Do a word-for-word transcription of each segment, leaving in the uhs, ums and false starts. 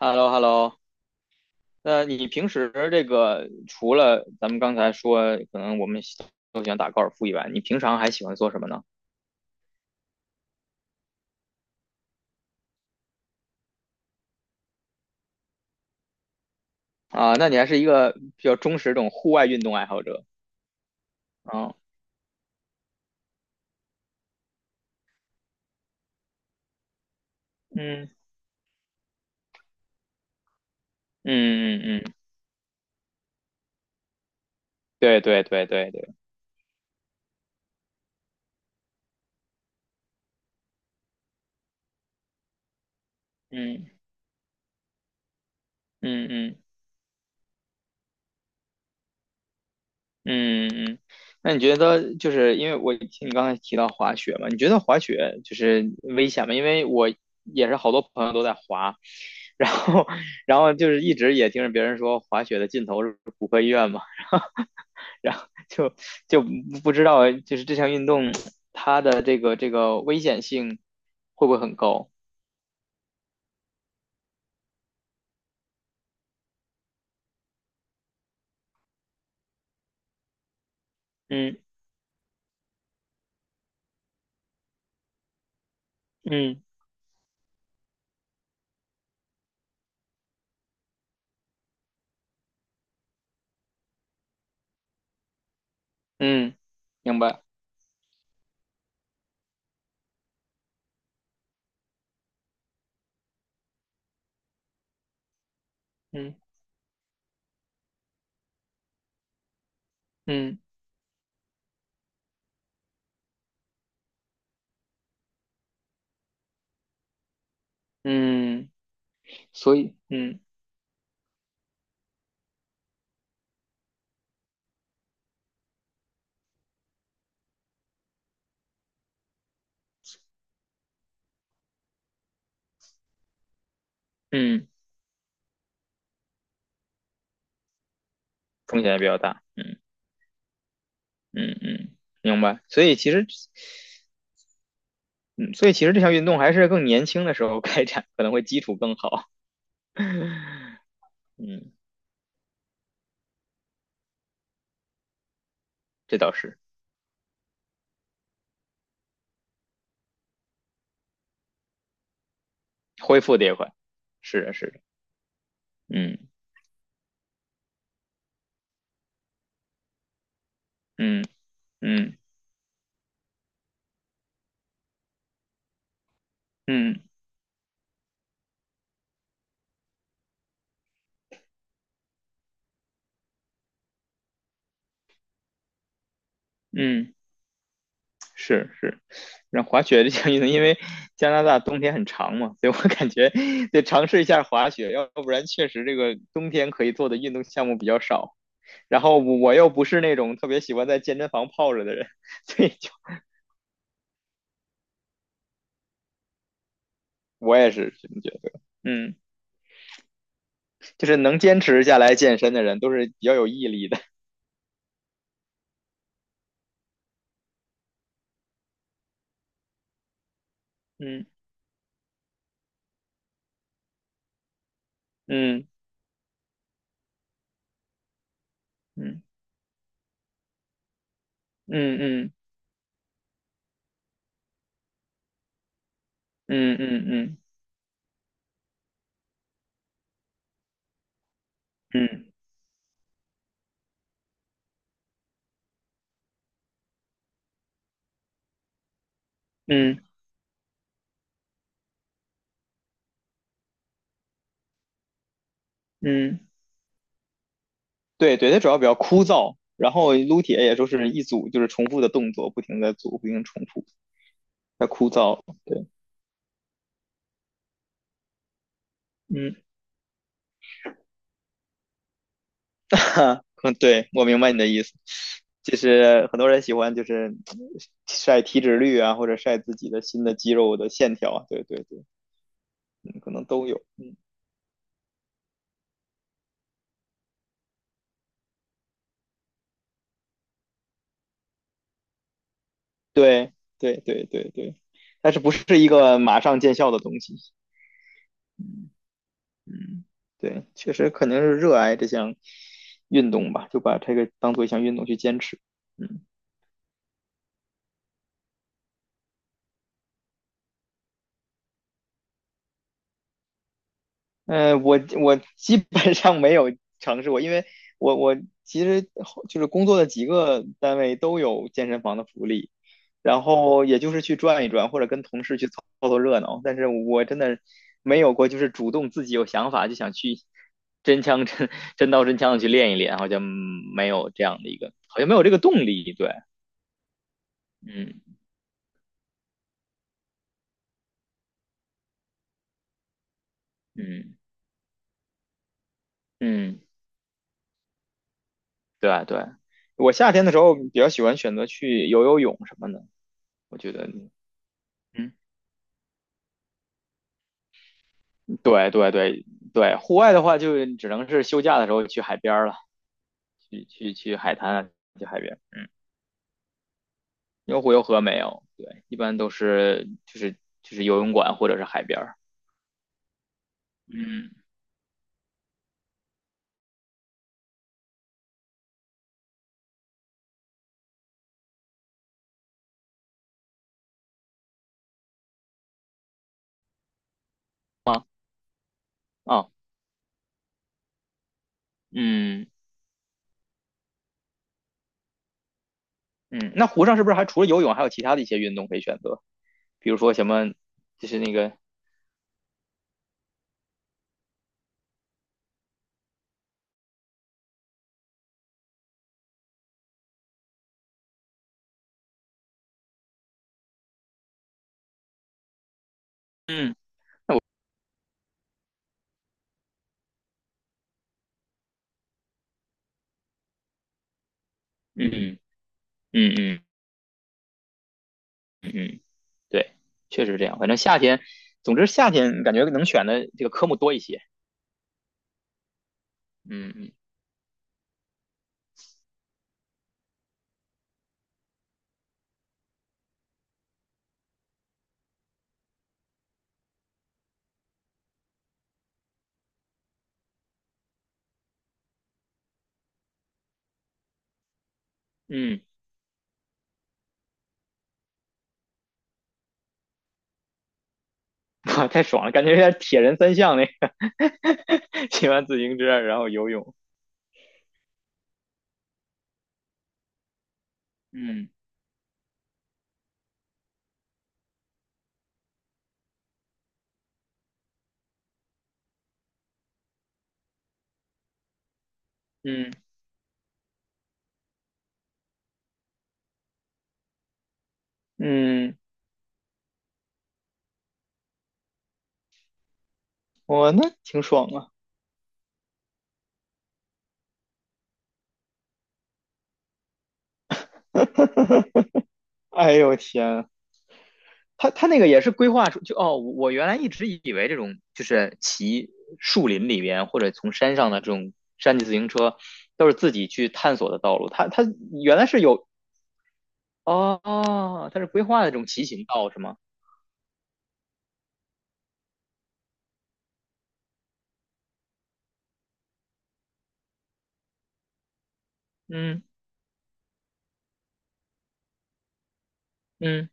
h e l l o h e l l o。 那你平时这个除了咱们刚才说，可能我们喜都喜欢打高尔夫以外，你平常还喜欢做什么呢？啊，那你还是一个比较忠实这种户外运动爱好者啊。嗯嗯嗯嗯，对对对对对，嗯嗯嗯嗯嗯。那你觉得就是因为我听你刚才提到滑雪嘛，你觉得滑雪就是危险吗？因为我也是好多朋友都在滑，然后 然后就是一直也听着别人说滑雪的尽头是骨科医院嘛，然后就就不知道就是这项运动它的这个这个危险性会不会很高？嗯嗯嗯，明白。嗯嗯嗯，所以嗯嗯，风险也比较大。嗯。嗯嗯，明白。所以其实，嗯，所以其实这项运动还是更年轻的时候开展，可能会基础更好。嗯，这倒是，恢复的也快。是的，是的。嗯嗯嗯嗯嗯，是是。然后滑雪这项运动，因为加拿大冬天很长嘛，所以我感觉得尝试一下滑雪，要不然确实这个冬天可以做的运动项目比较少。然后我我又不是那种特别喜欢在健身房泡着的人。所以就我也是这么觉得。嗯，就是能坚持下来健身的人，都是比较有毅力的。嗯嗯嗯嗯嗯嗯嗯嗯嗯嗯，对对，它主要比较枯燥，然后撸铁也就是一组就是重复的动作，不停的组，不停地重复，太枯燥。对，嗯，嗯，对，我明白你的意思，就是很多人喜欢就是晒体脂率啊，或者晒自己的新的肌肉的线条啊，对对对，嗯，可能都有，嗯。对对对对对，但是不是一个马上见效的东西。嗯，对，确实肯定是热爱这项运动吧，就把这个当做一项运动去坚持。嗯。嗯，我我基本上没有尝试过，因为我我其实就是工作的几个单位都有健身房的福利，然后也就是去转一转，或者跟同事去凑凑热闹，但是我真的没有过就是主动自己有想法就想去真枪真真刀真枪的去练一练，好像没有这样的一个，好像没有这个动力，对，嗯嗯嗯，对啊对啊，我夏天的时候比较喜欢选择去游游泳什么的，我觉得，嗯。对对对对，户外的话就只能是休假的时候去海边儿了，去去去海滩啊去海边儿，因为湖游河没有，对，一般都是就是就是游泳馆或者是海边儿。嗯啊啊嗯嗯，那湖上是不是还除了游泳，还有其他的一些运动可以选择？比如说什么，就是那个嗯嗯嗯嗯嗯，对，确实是这样。反正夏天，总之夏天感觉能选的这个科目多一些。嗯嗯嗯。哇，太爽了，感觉有点铁人三项那个，骑完自行车然后游泳，嗯嗯嗯，哇，那挺爽啊！哎呦天，他他那个也是规划出就哦，我我原来一直以为这种就是骑树林里边或者从山上的这种山地自行车都是自己去探索的道路，他他原来是有哦，他是规划的这种骑行道是吗？嗯嗯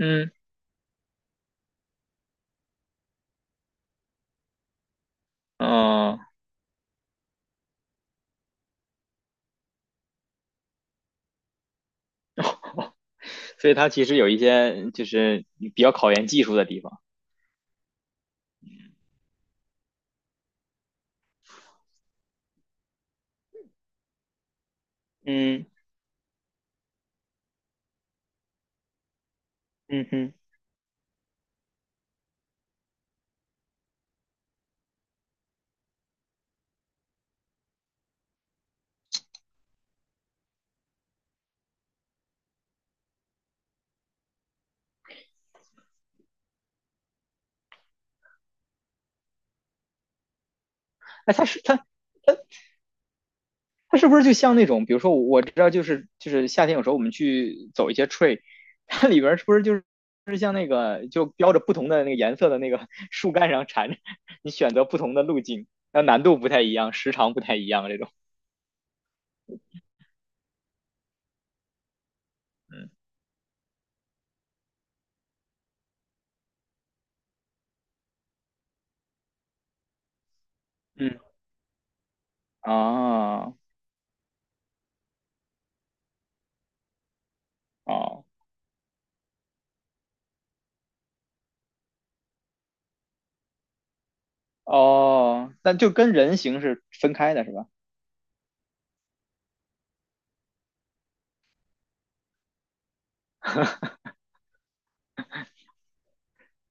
嗯，哦。所以它其实有一些就是比较考验技术的地方。嗯嗯哼，哎，它是它它是不是就像那种，比如说我知道就是就是夏天有时候我们去走一些 trail，它里边是不是就是就是像那个就标着不同的那个颜色的那个 树干上缠着，你选择不同的路径，那难度不太一样，时长不太一样这种。嗯嗯啊哦哦，但就跟人形是分开的是吧？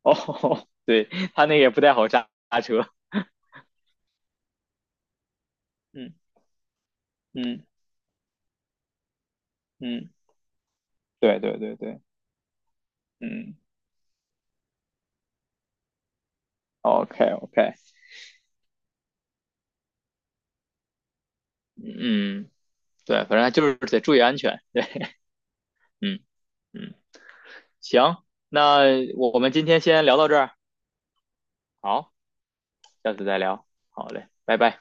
哦，对，它那个也不太好刹刹车。嗯嗯嗯，对对对对，嗯，OK OK，嗯，对，反正就是得注意安全，对，嗯嗯，行，那我我们今天先聊到这儿，好，下次再聊，好嘞，拜拜。